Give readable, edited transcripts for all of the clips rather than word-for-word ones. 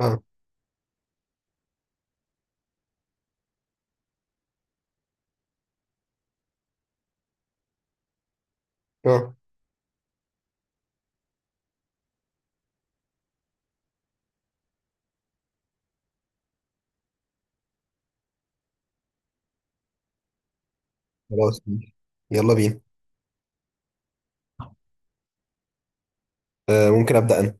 اه اه خلاص ماشي. يلا بينا. آه ممكن ابدا انا.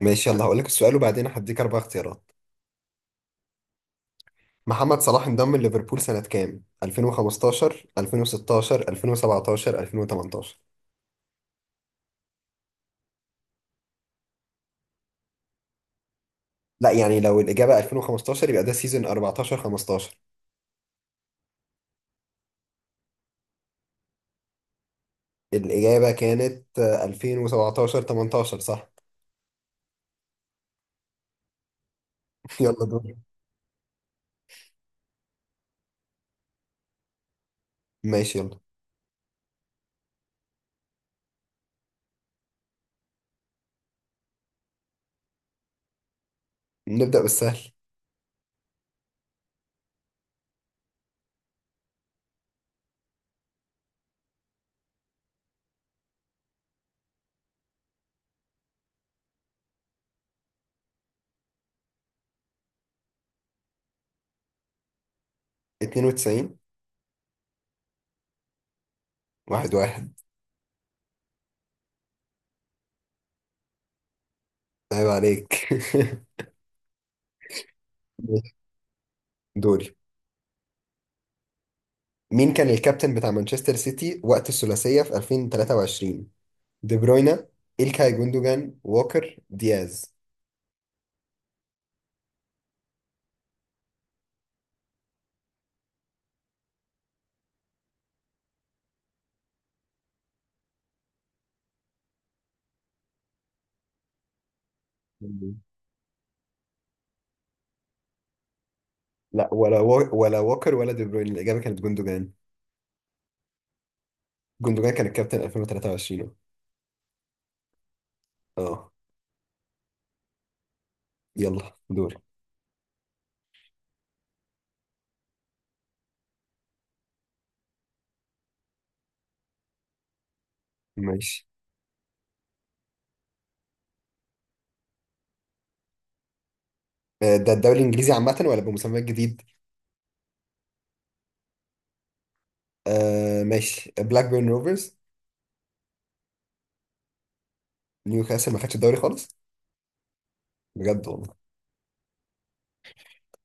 ماشي يلا هقول لك السؤال وبعدين هديك اربع اختيارات. محمد صلاح انضم لليفربول سنة كام؟ 2015، 2016، 2017، 2018؟ لا يعني لو الإجابة 2015 يبقى ده سيزون 14 15. الإجابة كانت 2017 18، صح؟ يلا دور. ماشي يلا، نبدأ بالسهل. 92. واحد واحد. عيب عليك. دوري. مين كان الكابتن بتاع مانشستر سيتي وقت الثلاثية في 2023؟ دي بروينا، إلكاي جوندوجان، ووكر، دياز. مم. لا ولا ولا ووكر ولا دي بروين. الإجابة كانت جوندوجان. جوندوجان كان الكابتن 2023. اه يلا دور. ماشي ده الدوري الإنجليزي عامة ولا بمسمى جديد؟ آه ماشي، بلاك بيرن روفرز. نيوكاسل ما خدش الدوري خالص؟ بجد والله.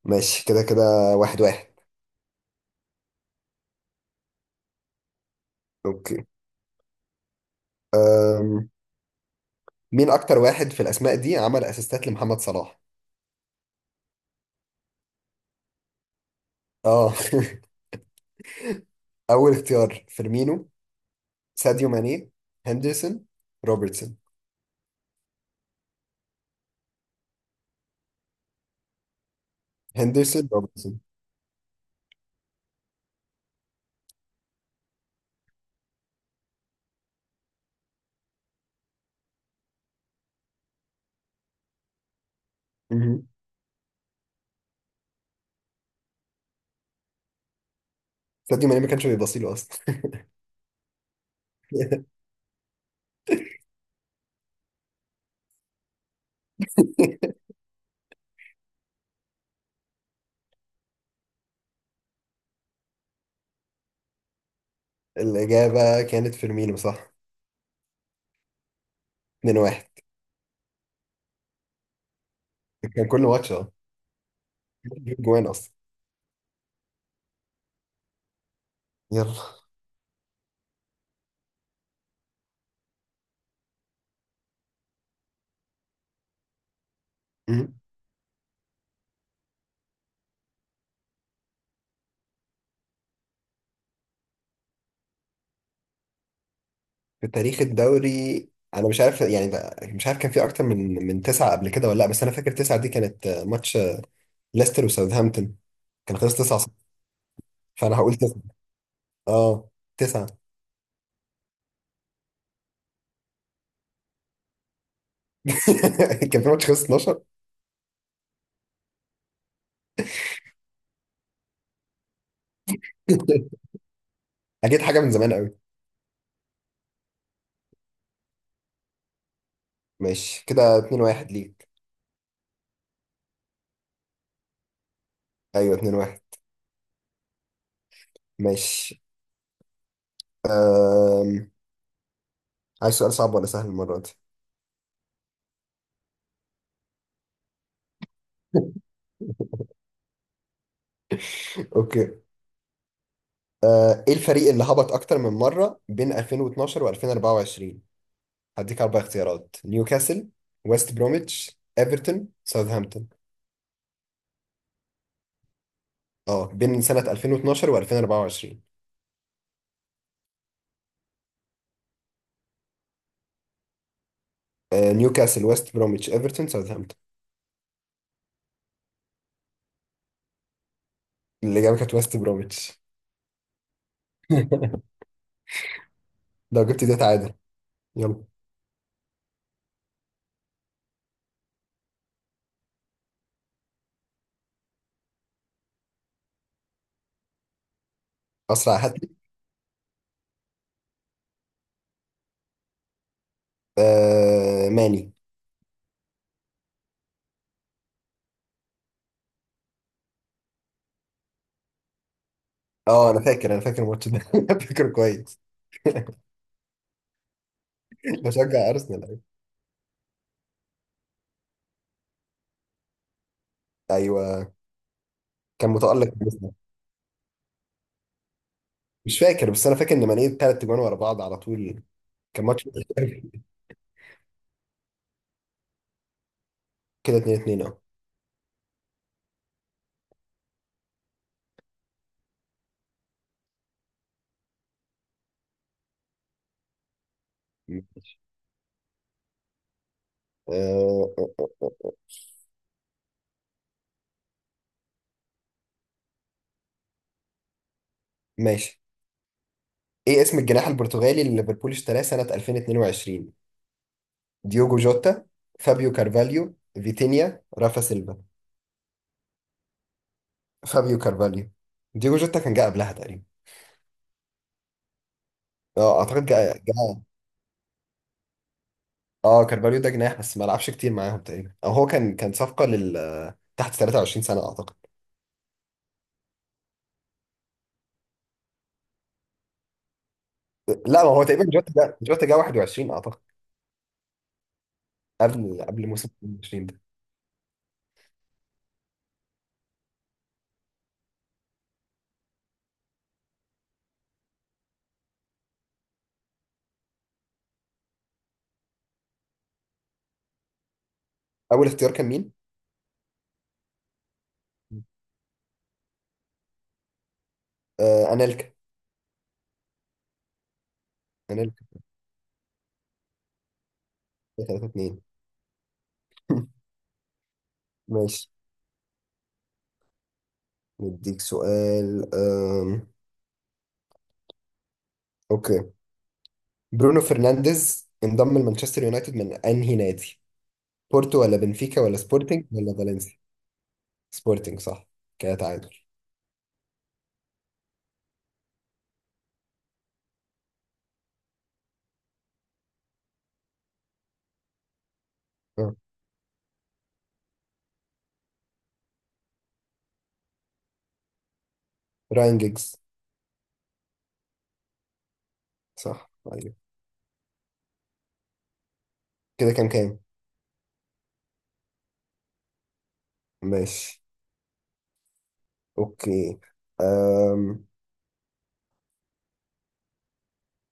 ماشي كده كده. واحد واحد. اوكي. أم... مين أكتر واحد في الأسماء دي عمل أسيستات لمحمد صلاح؟ اه. اول اختيار فيرمينو، ساديو ماني، هندرسون، روبرتسون. هندرسون روبرتسون. مهم. ساديو ماني ما كانش بيبصي له اصلا. الاجابه كانت فيرمينو، صح. 2-1. كان كل ماتش اه بيجيب جوان اصلا. يلا. مهم. في تاريخ الدوري انا مش عارف مش عارف كان في اكتر من تسعه قبل كده ولا لا. بس انا فاكر تسعه دي كانت ماتش ليستر وساوثهامبتون. كان خلص 9 صفر. فانا هقول تسعه. اه تسعه. كان في ماتش خلص 12. اكيد حاجه من زمان قوي. ماشي كده 2 1 ليك. ايوه 2 1. ماشي. أم... عايز سؤال صعب ولا سهل المره دي؟ اوكي. ايه الفريق اللي هبط اكتر من مره بين 2012 و2024؟ هديك اربع اختيارات: نيوكاسل، ويست بروميتش، ايفرتون، ساوثهامبتون. اه بين سنه 2012 و2024. نيوكاسل، ويست بروميتش، ايفرتون، ساوثهامبتون. الاجابه كانت ويست بروميتش. لو جبت دي تعادل. يلا. اسرع هات لي. ماني. اه انا فاكر الماتش ده. فاكره كويس. بشجع ارسنال، أيوة. ايوه كان متالق بارسنال. مش فاكر، بس انا فاكر ان ماني ثلاث تجوان ورا بعض على طول. كان ماتش وحش أوي. كده 2 2. اه ماشي. آه، آه، آه، آه. ماشي. ايه اسم الجناح البرتغالي اللي ليفربول اشتراه سنة 2022؟ ديوجو جوتا، فابيو كارفاليو، فيتينيا، رافا سيلفا. فابيو كارفاليو. ديوجو جوتا كان جه قبلها تقريبا. اه اعتقد جه. اه كارفاليو ده جناح بس ما لعبش كتير معاهم تقريبا، او هو كان صفقه لل تحت 23 سنه اعتقد. لا ما هو تقريبا، جوتا جا 21 اعتقد. قبل موسم 22 ده. اول اختيار كان مين؟ آه انيلكا. انيلكا. 3 2. ماشي نديك سؤال. اوكي. برونو فرنانديز انضم لمانشستر يونايتد من انهي نادي؟ بورتو ولا بنفيكا ولا سبورتنج ولا فالنسيا؟ سبورتنج. صح. كده تعادل. آه. راين جيجز. صح ايوه. كده كام كام؟ ماشي. اوكي. أم...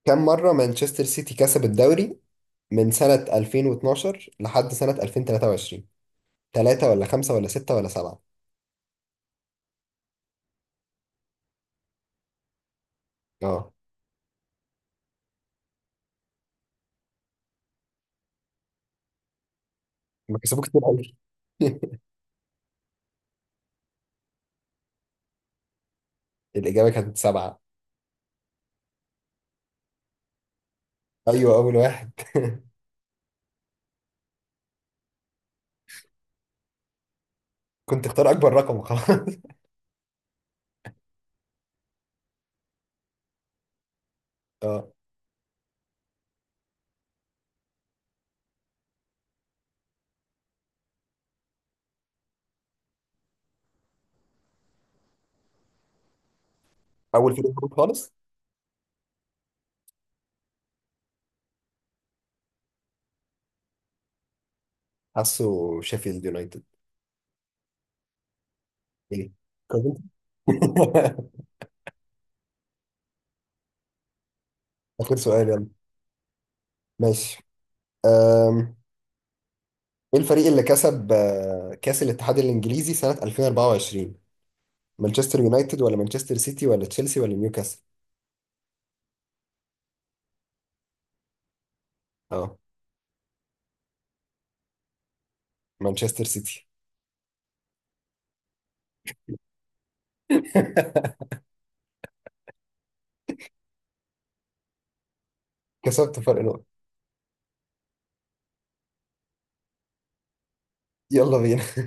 كم مرة مانشستر سيتي كسب الدوري من سنة 2012 لحد سنة 2023؟ ثلاثة ولا خمسة ولا ستة ولا سبعة؟ اه ما كسبوا كتير قوي. الإجابة كانت سبعة. أيوة أول واحد. كنت اختار أكبر رقم خلاص. اه أول فريق هبوط خالص. حاسه شيفيلد يونايتد. إيه كوفنتري؟ آخر سؤال يلا. ماشي. أم... إيه الفريق اللي كسب كأس الاتحاد الإنجليزي سنة 2024؟ مانشستر يونايتد ولا مانشستر سيتي ولا تشيلسي ولا نيوكاسل؟ اه مانشستر سيتي. كسبت فرق نقطة. يلا بينا.